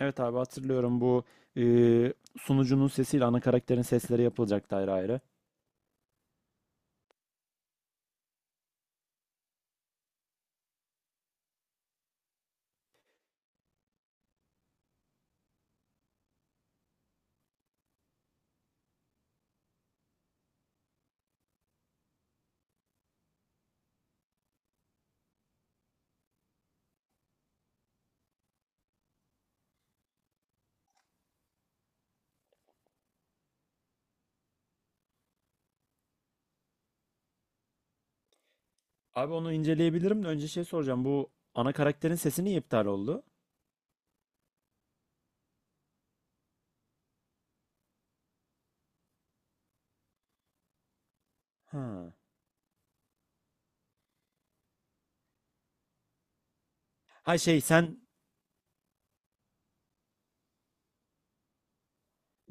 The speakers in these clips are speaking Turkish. Evet abi, hatırlıyorum bu e, sunucunun sesiyle ana karakterin sesleri yapılacaktı ayrı ayrı. Abi onu inceleyebilirim de önce şey soracağım. Bu ana karakterin sesi niye iptal oldu? Ha. Ha şey sen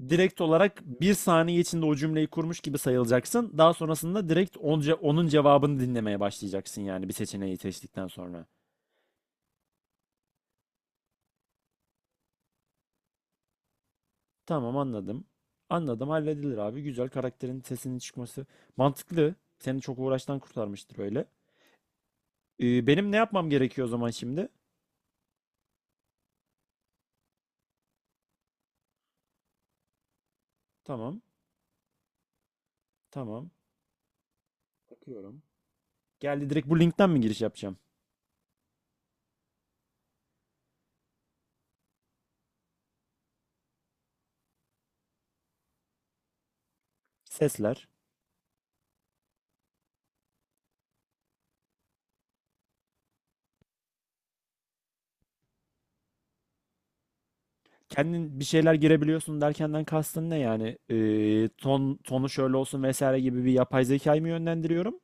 direkt olarak bir saniye içinde o cümleyi kurmuş gibi sayılacaksın. Daha sonrasında direkt onun cevabını dinlemeye başlayacaksın, yani bir seçeneği seçtikten sonra. Tamam, anladım. Anladım, halledilir abi. Güzel, karakterin sesinin çıkması. Mantıklı. Seni çok uğraştan kurtarmıştır öyle. Benim ne yapmam gerekiyor o zaman şimdi? Tamam. Tamam. Bakıyorum. Geldi, direkt bu linkten mi giriş yapacağım? Sesler. Kendin bir şeyler girebiliyorsun derkenden kastın ne yani? Ton tonu şöyle olsun vesaire gibi bir yapay zekayı mı yönlendiriyorum?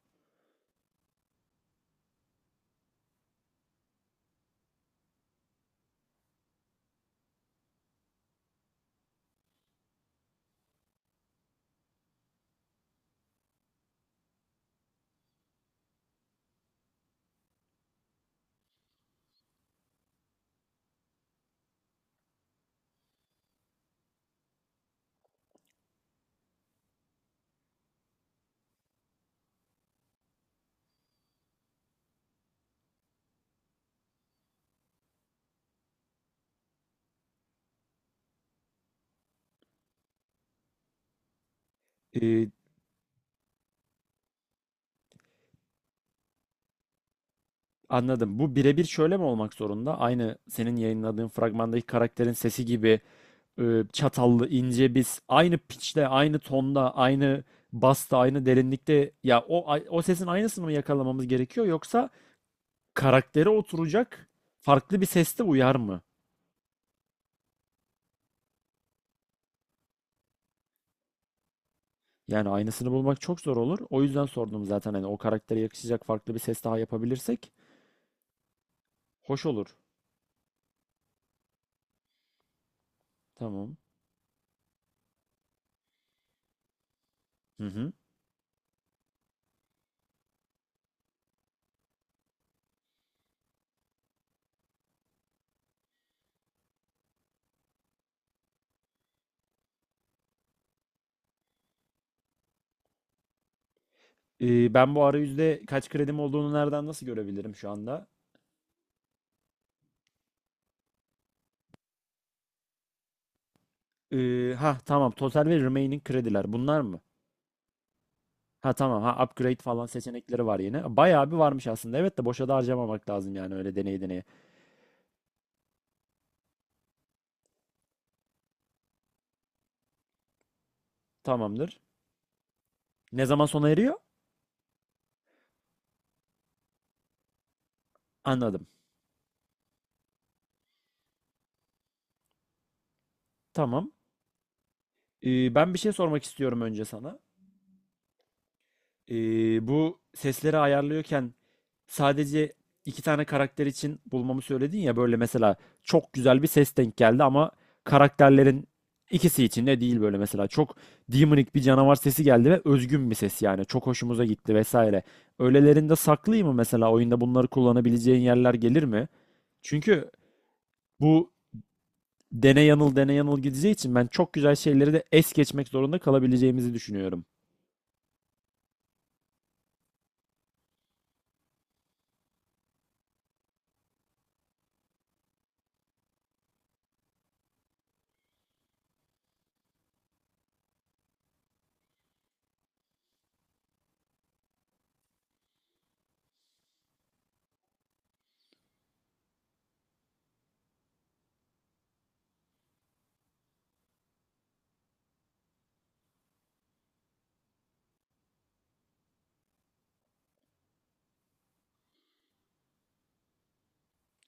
Ee, Anladım. Bu birebir şöyle mi olmak zorunda? Aynı senin yayınladığın fragmandaki karakterin sesi gibi çatallı, ince, biz aynı pitch'te, aynı tonda, aynı basta, aynı derinlikte, ya o sesin aynısını mı yakalamamız gerekiyor, yoksa karaktere oturacak farklı bir seste uyar mı? Yani aynısını bulmak çok zor olur. O yüzden sordum zaten, hani o karaktere yakışacak farklı bir ses daha yapabilirsek hoş olur. Tamam. Hı hı. Ben bu arayüzde kaç kredim olduğunu nereden nasıl görebilirim şu anda? Ha tamam, total ve remaining krediler bunlar mı? Ha tamam, ha upgrade falan seçenekleri var yine. Bayağı bir varmış aslında. Evet, de boşa da harcamamak lazım yani, öyle deney deneye. Tamamdır. Ne zaman sona eriyor? Anladım. Tamam. Ben bir şey sormak istiyorum önce sana. Bu sesleri ayarlıyorken sadece iki tane karakter için bulmamı söyledin ya, böyle mesela çok güzel bir ses denk geldi ama karakterlerin ikisi için de değil, böyle mesela çok demonik bir canavar sesi geldi ve özgün bir ses, yani çok hoşumuza gitti vesaire. Öylelerinde saklayayım mı mesela, oyunda bunları kullanabileceğin yerler gelir mi? Çünkü bu dene yanıl dene yanıl gideceği için ben çok güzel şeyleri de es geçmek zorunda kalabileceğimizi düşünüyorum.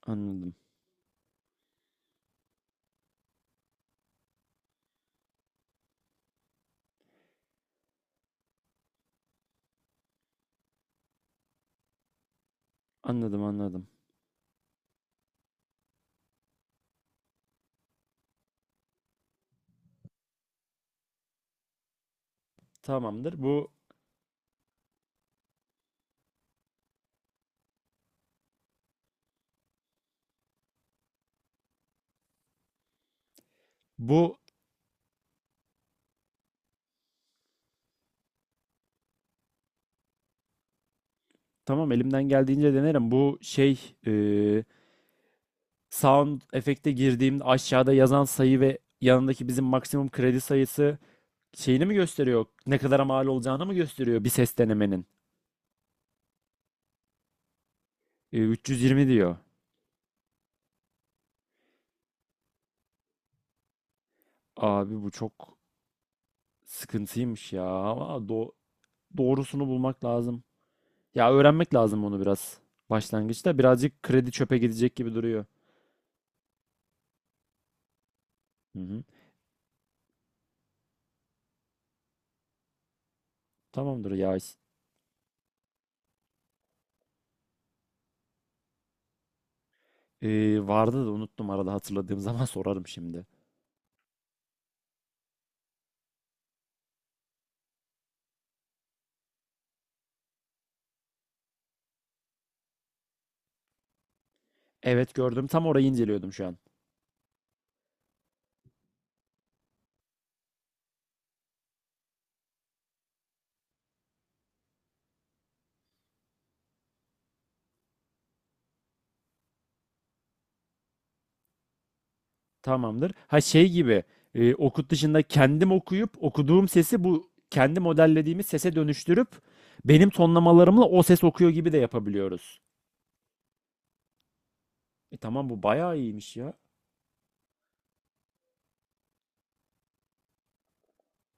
Anladım. Anladım, anladım. Tamamdır. Bu tamam, elimden geldiğince denerim. Bu şey sound efekte girdiğimde aşağıda yazan sayı ve yanındaki bizim maksimum kredi sayısı şeyini mi gösteriyor? Ne kadar mal olacağını mı gösteriyor bir ses denemenin? 320 diyor. Abi bu çok sıkıntıymış ya. Ama doğrusunu bulmak lazım. Ya öğrenmek lazım onu biraz. Başlangıçta birazcık kredi çöpe gidecek gibi duruyor. Hı hı. Tamamdır ya. Vardı da unuttum, arada hatırladığım zaman sorarım şimdi. Evet, gördüm. Tam orayı inceliyordum şu an. Tamamdır. Ha şey gibi, okut dışında kendim okuyup okuduğum sesi bu kendi modellediğimiz sese dönüştürüp benim tonlamalarımla o ses okuyor gibi de yapabiliyoruz. E tamam, bu bayağı iyiymiş ya.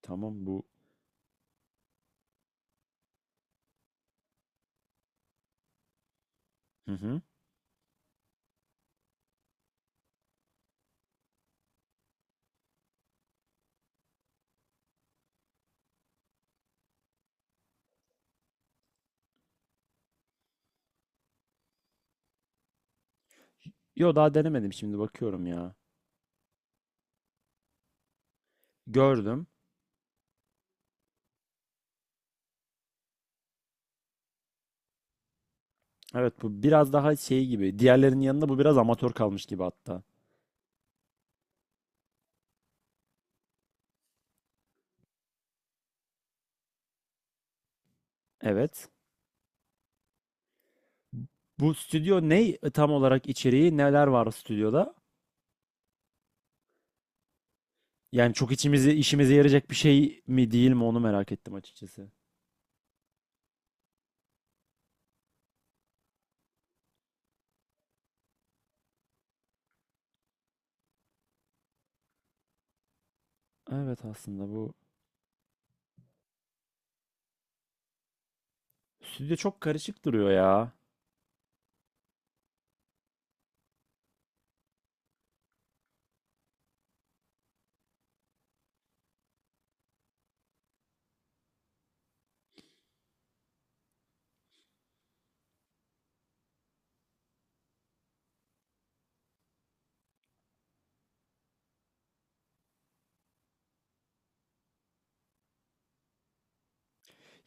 Tamam bu. Hı hı. Yo, daha denemedim, şimdi bakıyorum ya. Gördüm. Evet, bu biraz daha şey gibi. Diğerlerinin yanında bu biraz amatör kalmış gibi hatta. Evet. Bu stüdyo ne, tam olarak içeriği neler var stüdyoda? Yani çok içimizi işimize yarayacak bir şey mi değil mi, onu merak ettim açıkçası. Evet, aslında bu stüdyo çok karışık duruyor ya.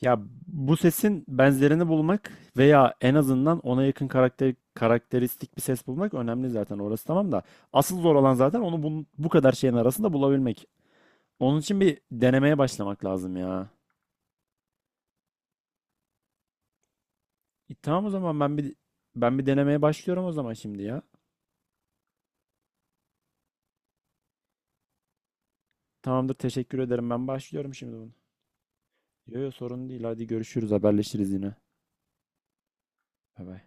Ya bu sesin benzerini bulmak veya en azından ona yakın karakter karakteristik bir ses bulmak önemli zaten, orası tamam da asıl zor olan zaten onu bu, bu kadar şeyin arasında bulabilmek. Onun için bir denemeye başlamak lazım ya. Tamam, o zaman ben bir denemeye başlıyorum o zaman şimdi ya. Tamamdır, teşekkür ederim, ben başlıyorum şimdi bunu. Yok yok, sorun değil, hadi görüşürüz, haberleşiriz yine. Bay bay.